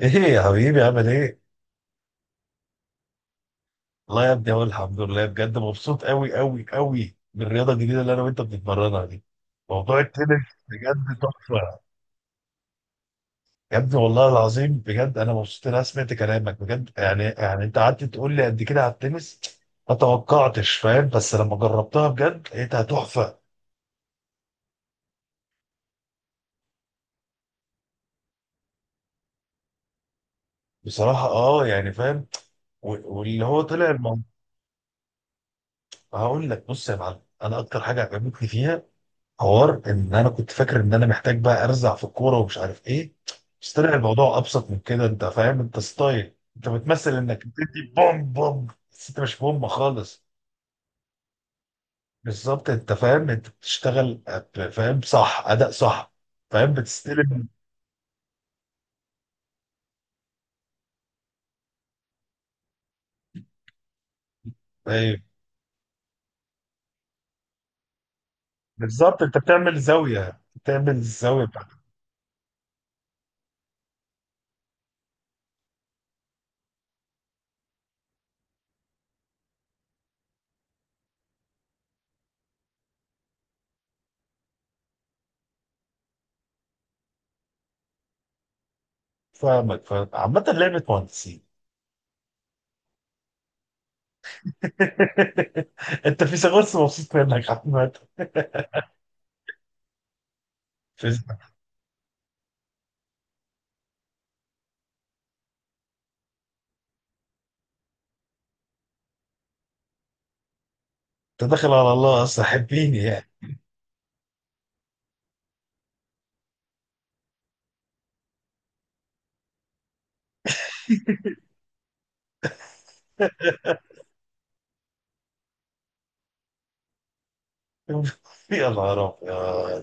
ايه يا حبيبي عامل ايه؟ والله يا ابني اقول الحمد لله بجد مبسوط قوي قوي قوي بالرياضه الجديده اللي انا وانت بنتمرنها دي. موضوع التنس بجد تحفه. يا ابني والله العظيم بجد انا مبسوط ان انا سمعت كلامك بجد يعني انت قعدت تقول لي قد كده على التنس. ما توقعتش فاهم، بس لما جربتها بجد لقيتها تحفه. بصراحه اه يعني فاهم و- واللي هو طلع الموضوع. هقول لك بص يا معلم، انا اكتر حاجه عجبتني فيها حوار ان انا كنت فاكر ان انا محتاج بقى ارزع في الكوره ومش عارف ايه. بس طلع الموضوع ابسط من كده، انت فاهم انت ستايل، انت بتمثل انك بتدي بوم بوم بس انت مش بوم خالص. بالظبط، انت فاهم انت بتشتغل فاهم، صح، اداء صح. فاهم بتستلم. أيوة. بالظبط انت بتعمل زاويه، بتعمل الزاويه بتاعتك. فاهمك، فاهم، عامه لعبه مهندسين. انت في سغرس مبسوط منك عامه. في- انت داخل على الله اصلا حبيني يعني. يا نهار ابيض.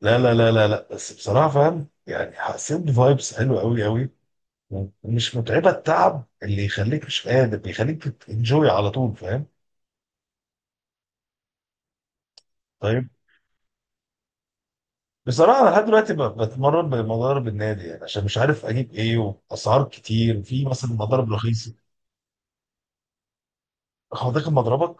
لا لا لا لا لا، بس بصراحه فاهم، يعني حسيت بفايبس حلوه قوي قوي. ومش متعبه، التعب اللي يخليك مش قادر، بيخليك تنجوي على طول، فاهم؟ طيب، بصراحه انا لحد دلوقتي بتمرن بمضارب النادي يعني عشان مش عارف اجيب ايه. واسعار كتير في مثلا مضارب رخيصه. هو ده كان مضربك؟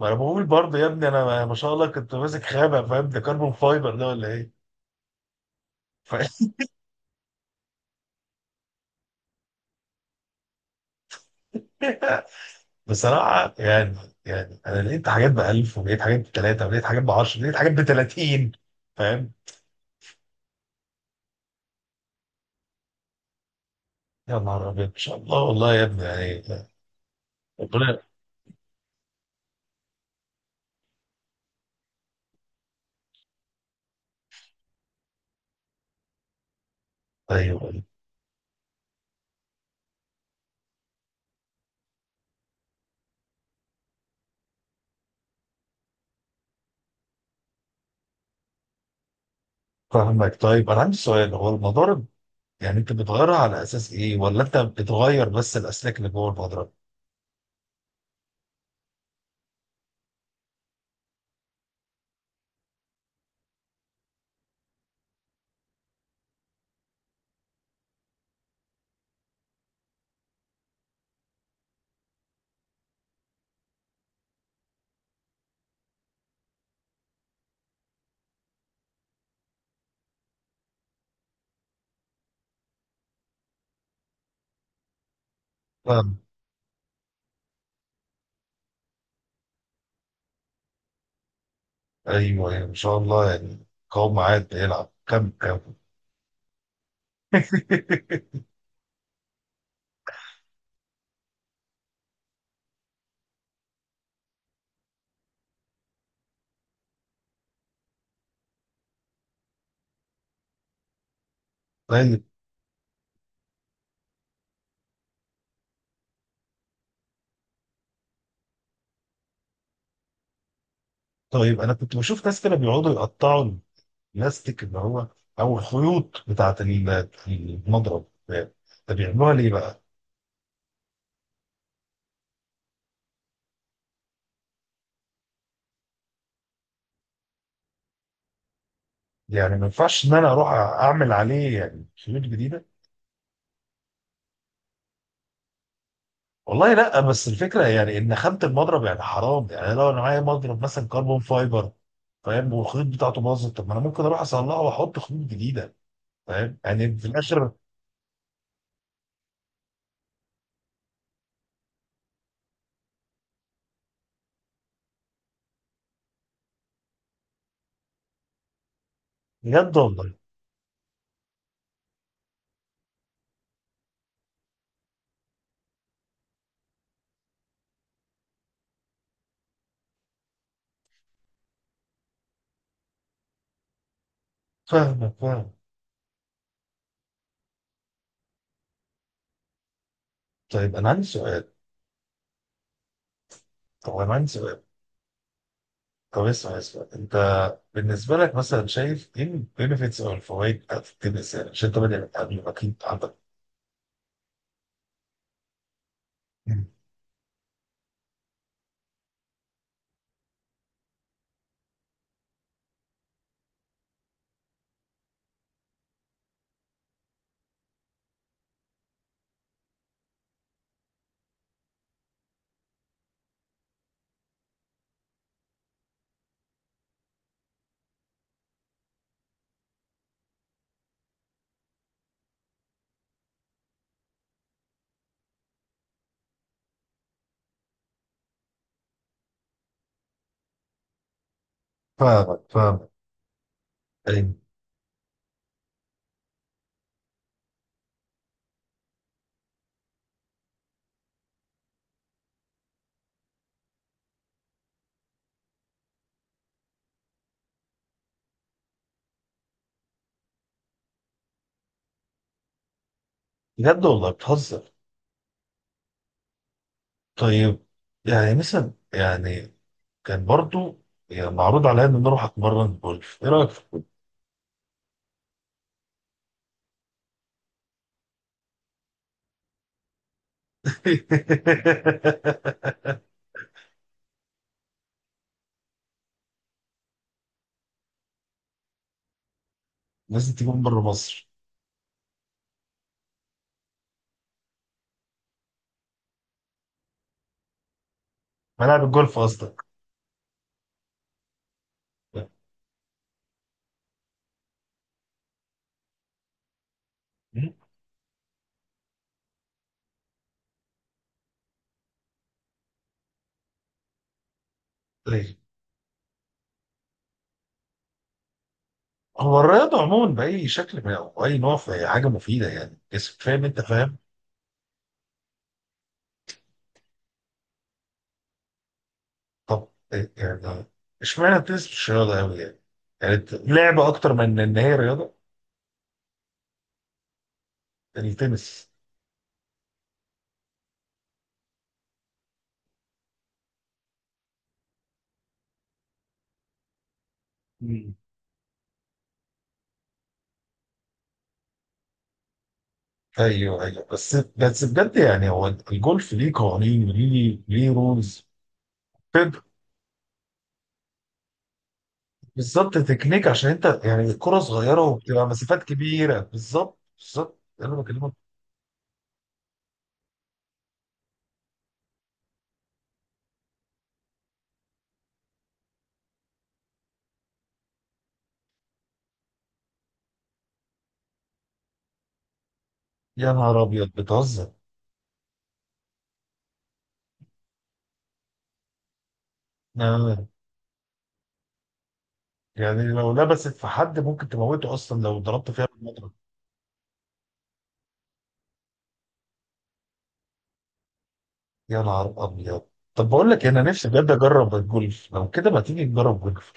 ما انا بقول برضه يا ابني، انا ما شاء الله كنت ماسك خامه، فاهم، ده كربون فايبر ده ولا ايه؟ ف... بصراحة يعني، يعني أنا لقيت حاجات بألف، ولقيت حاجات بتلاتة، ولقيت حاجات بعشرة، ولقيت حاجات بتلاتين. فاهم؟ يا نهار أبيض، إن شاء الله، والله يا ابني يعني. ربنا. أيوه أيوه. فاهمك. طيب أنا عندي سؤال، هو المضارب يعني أنت بتغيرها على أساس إيه، ولا أنت بتغير بس الأسلاك اللي جوه المضرب؟ فاهم. أيوه أيوه، إن شاء الله يعني، قوم عاد بيلعب كم كم. طيب، طيب أنا كنت بشوف ناس كده بيقعدوا يقطعوا بلاستيك اللي هو، او الخيوط بتاعت المضرب ده، بيعملوها ليه بقى؟ يعني ما ينفعش ان انا اروح اعمل عليه يعني خيوط جديده. والله لا، بس الفكره يعني ان خامه المضرب يعني حرام، يعني لو انا معايا مضرب مثلا كربون فايبر، فاهم، والخيوط بتاعته باظت، طب ما انا ممكن اروح اصلحه واحط خيوط جديده، فاهم يعني في الاخر. بجد والله؟ فاهمك، فاهم. طيب انا عندي سؤال، طب انا عندي سؤال، طب اسمع اسمع انت، بالنسبه لك مثلا شايف ايه البينفيتس او الفوائد بتاعت التنس، يعني عشان انت بادئ قبل، ما اكيد عندك. فاهمك، فاهمك. يعني بجد، والله بتهزر؟ طيب، يعني مثلا يعني كان برضو يعني معروض عليا ان انا اروح اتمرن جولف، ايه رايك؟ لازم تكون بره مصر. ملاعب الجولف قصدك. مم. طيب، هو الرياضة عموما بأي شكل من، أو أي نوع، في حاجة مفيدة يعني جسم، فاهم أنت، فاهم. طب إيه، يعني اشمعنى التنس مش رياضة أوي يعني؟ يعني لعبة أكتر من إن هي رياضة. يعني التنس. مم. أيوه أيوه، بس بس بجد يعني هو الجولف ليه قوانين، ليه، ليه رولز. بالظبط، تكنيك، عشان أنت يعني الكرة صغيرة وبتبقى مسافات كبيرة، بالظبط بالظبط، أنا بكلمك. يا نهار أبيض، بتهزر. آه. يعني لو لبست في حد ممكن تموته أصلا لو ضربت فيها بالمضرب. يا نهار ابيض. طب بقول لك إيه، انا نفسي بجد اجرب الجولف، لو كده ما تيجي نجرب جولف.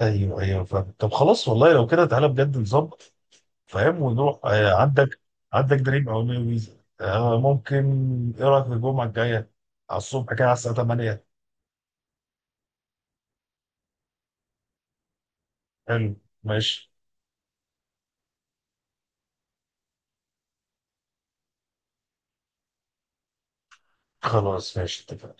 ايوه ايوه فاهم، طب خلاص والله لو كده تعالى بجد نظبط، فاهم، ونروح آه، عندك، عندك دريم او نيو ويزا آه ممكن. ايه رايك في الجمعه الجايه، على الصبح كده على الساعه 8. حلو. ماشي. خلاص ماشي، اتفقنا.